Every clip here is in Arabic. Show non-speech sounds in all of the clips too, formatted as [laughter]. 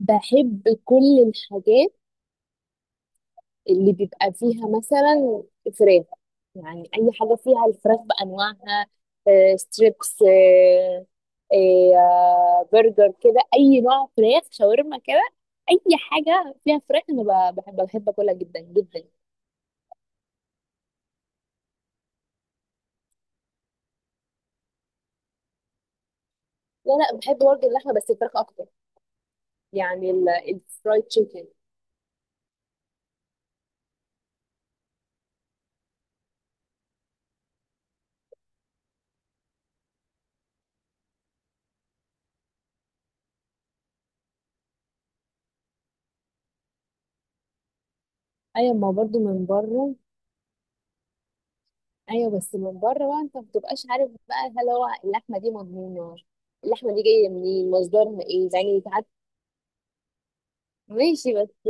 بحب كل الحاجات اللي بيبقى فيها مثلا فراخ. يعني اي حاجه فيها الفراخ بانواعها، ستريبس، برجر كده، اي نوع فراخ، شاورما كده، اي حاجه فيها فراخ. انا بحب اكلها جدا جدا. لا لا، بحب برضه اللحمه، بس الفراخ اكتر. يعني الفرايد تشيكن. ايوه، ما برضه من بره. ايوه، بس من بره بقى انت ما بتبقاش عارف بقى هل هو اللحمه دي مضمونه؟ اللحمه دي جايه منين؟ مصدرها ايه يعني ساعات. ماشي، بس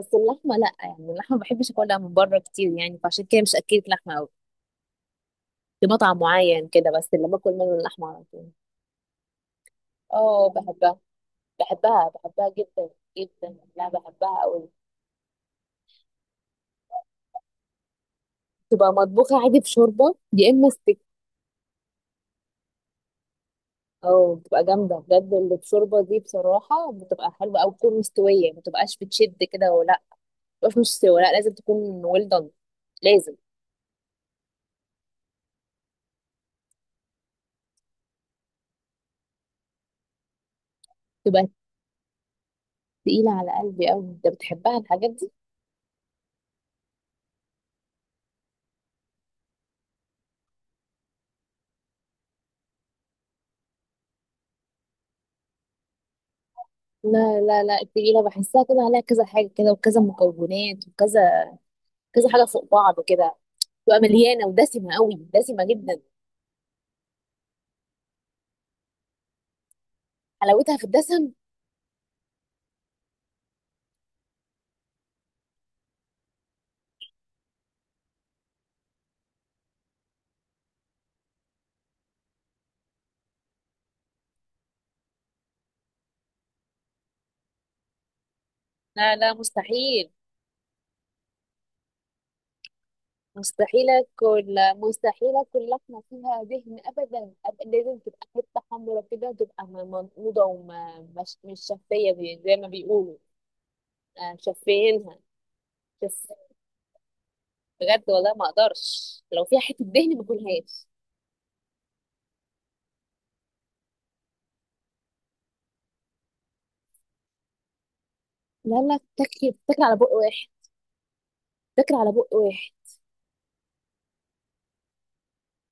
بس اللحمه لا، يعني اللحمه ما بحبش اكلها من بره كتير، يعني فعشان كده مش اكلت لحمه قوي في مطعم معين كده، بس اللي باكل منه اللحمه على طول. اه بحبها، بحبها جدا جدا. لا بحبها قوي. تبقى مطبوخه عادي بشوربه يا اما ستيك. اه بتبقى جامده بجد اللي بشوربه دي، بصراحه بتبقى حلوه. او تكون مستويه، ما تبقاش بتشد كده ولا مش مستوى. لا، لازم تكون well done، لازم تبقى. تقيلة على قلبي أوي، أنت بتحبها الحاجات دي؟ لا لا لا، التقيلة بحسها كده عليها كذا حاجة كده، وكذا مكونات، وكذا كذا حاجة فوق بعض كده. تبقى مليانة ودسمة أوي، دسمة جدا. حلاوتها في الدسم؟ لا لا، مستحيل. مستحيل أكل، مستحيل أكل لحمة فيها دهن أبدا. أبقى لازم تبقى حتة حمرا كده، وتبقى منقوضة، ومش مش مش شفية، زي ما بيقولوا آه، شفينها. بجد والله ما اقدرش، لو فيها حته دهن ما اكلهاش. لا لا، بتاكل على بق واحد. بتاكل على بق واحد.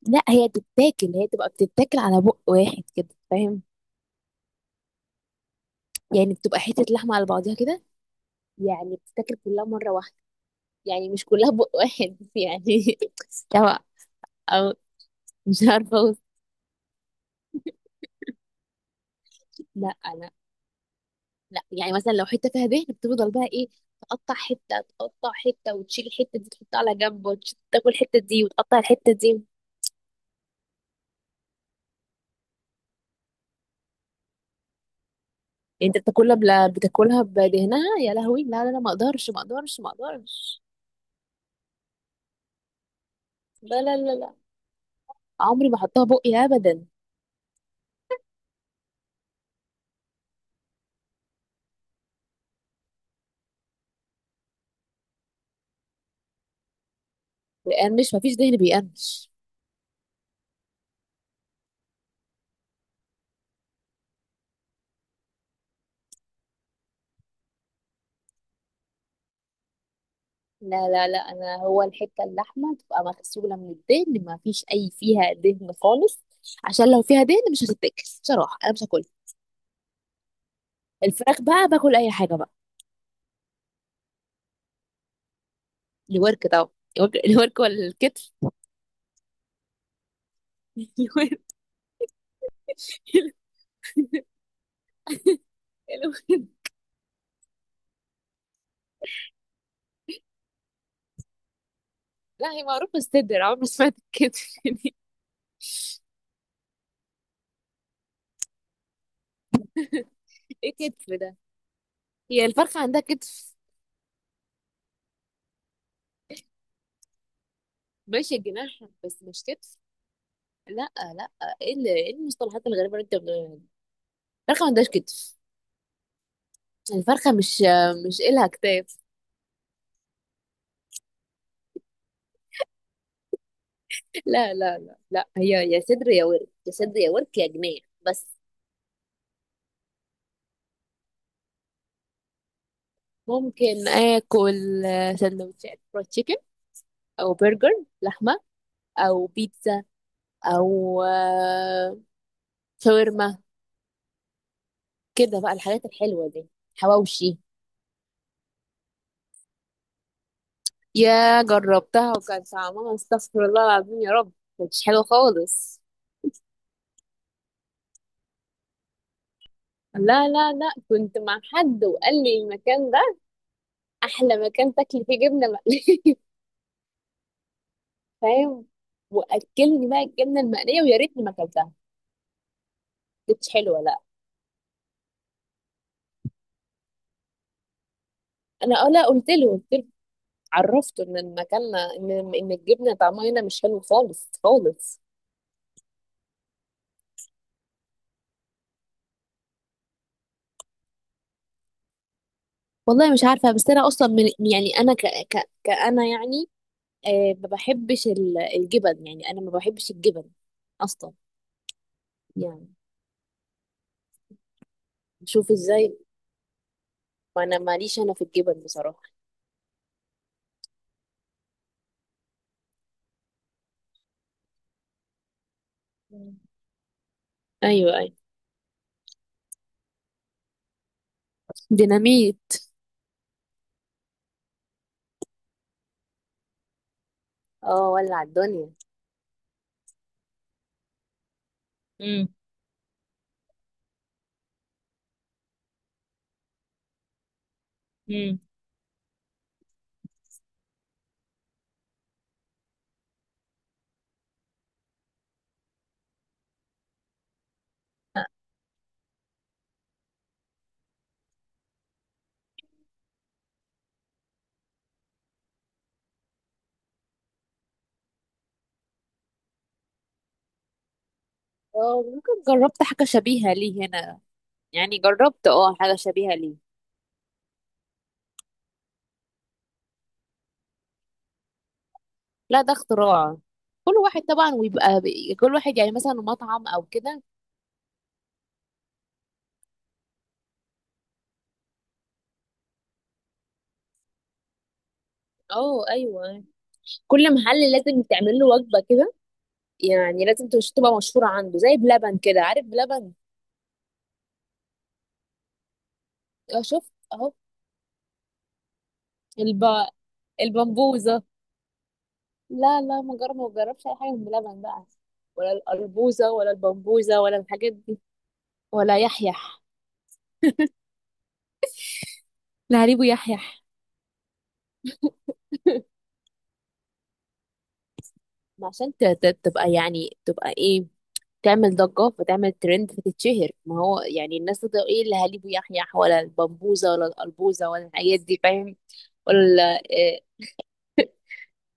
لا هي بتتاكل، هي تبقى بتتاكل على بق واحد كده فاهم؟ يعني بتبقى حته لحمه على بعضها كده، يعني بتتاكل كلها مره واحده، يعني مش كلها بق واحد [laughs] يعني. لا، او مش عارفه أوصف. لا لا لا، يعني مثلا لو حته فيها دهن بتفضل بقى ايه؟ تقطع حته وتشيل الحته دي تحطها على جنب، وتاكل الحته دي وتقطع الحته دي. يعني انت بتاكلها بدهنها؟ يا لهوي، لا لا لا، ما اقدرش ما اقدرش ما اقدرش. لا لا لا لا، عمري ما احطها بقي ابدا. بيقرمش؟ ما فيش دهن بيقرمش. لا لا لا، انا هو الحته اللحمه تبقى مغسوله من الدهن، ما فيش اي فيها دهن خالص. عشان لو فيها دهن مش هتتاكل، بصراحه انا مش هاكلها. الفراخ بقى باكل اي حاجه بقى. الورك طبعا. الورك، الورك ولا الكتف؟ [laughs] الورك، الورك. لا هي معروفه الصدر، عمري ما سمعت الكتف [laughs] ايه كتف ده؟ هي الفرخة عندها كتف؟ ماشي جناح بس مش كتف. لا لا، إيه المصطلحات الغريبة اللي انت بتقولها دي؟ الفرخة ما عندهاش كتف. الفرخة مش إلها كتاف. لا لا لا لا، هي يا صدر يا ورك، يا صدر يا ورك يا جناح. بس. ممكن آكل سندوتشات فرايد تشيكن، أو برجر لحمة، أو بيتزا، أو شاورما، كده بقى الحاجات الحلوة دي. حواوشي. يا جربتها وكان طعمها استغفر الله العظيم يا رب، كانتش حلوة خالص. لا لا لا، كنت مع حد وقال لي المكان ده احلى مكان تاكلي فيه جبنة مقلية [laughs] فاهم. واكلني بقى الجبنة المقلية ويا ريتني ما اكلتها، كانتش حلوة لا. انا اه لا، قلت له عرفته ان المكان، ان الجبنة طعمها هنا مش حلو خالص خالص. والله مش عارفة، بس انا اصلا من، يعني انا ك ك كأنا يعني، آه ما بحبش الجبن، يعني انا ما بحبش الجبن اصلا. يعني شوف ازاي، ما انا ماليش انا في الجبن بصراحة. مم. ايوه ايوه، ديناميت. اه ولع الدنيا. امم. امم. اه ممكن. جربت حاجة شبيهة ليه هنا، يعني جربت اه حاجة شبيهة ليه. لا ده اختراع، كل واحد طبعا ويبقى كل واحد يعني مثلا مطعم او كده. اه ايوه، كل محل لازم تعمل له وجبة كده، يعني لازم تبقى مشهورة عنده، زي بلبن كده، عارف بلبن؟ اه شفت اهو. الب... البمبوزة. لا لا، ما جربش اي حاجه بلبن بقى، ولا الاربوزه ولا البمبوزه ولا الحاجات دي، ولا يحيح. لا هريبو يحيح [laughs] ما عشان تبقى يعني تبقى ايه، تعمل ضجه فتعمل ترند فتتشهر. ما هو يعني الناس تبقى ايه اللي هليبو يحيح، ولا البمبوزه ولا الاربوزه ولا الحاجات دي فاهم؟ ولا إيه.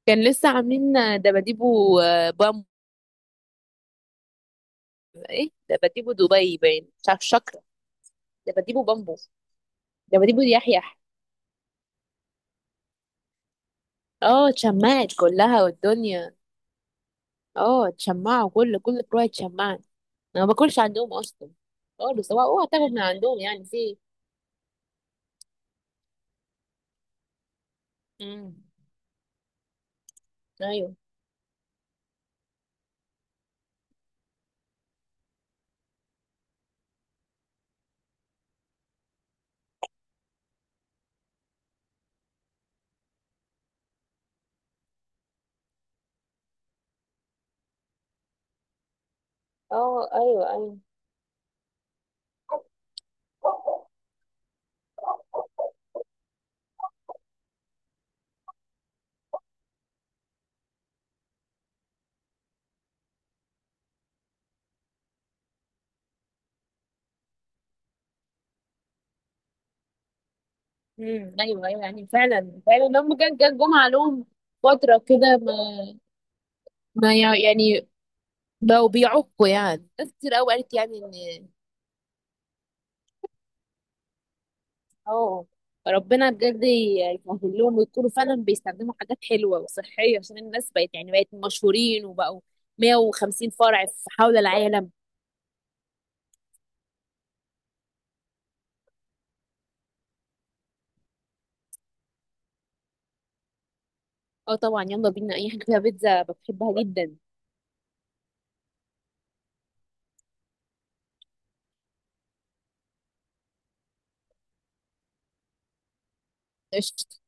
كان لسه عاملين دباديبو بامبو. ايه دباديبو دبي باين مش عارف، شكرا. دباديبو بامبو، دباديبو يحيح. اه اتشمعت كلها والدنيا. اه اتشمعوا، كل فروع اتشمعت. انا ما باكلش عندهم اصلا خالص، هو اوعى تاكل من عندهم، يعني في إيه؟ امم. ايوه. اه ايوه ايوه. امم. ايوه ايوه، يعني فعلا فعلا هم كان جم عليهم فتره كده، ما يعني بقوا بيعكوا، يعني ناس كتير قوي قالت يعني ان، اه ربنا بجد يسهل لهم ويكونوا فعلا بيستخدموا حاجات حلوه وصحيه، عشان الناس بقت يعني بقت مشهورين وبقوا 150 فرع في حول العالم. اه طبعا يلا بينا، اي حاجه فيها بيتزا بحبها جدا. قشطه.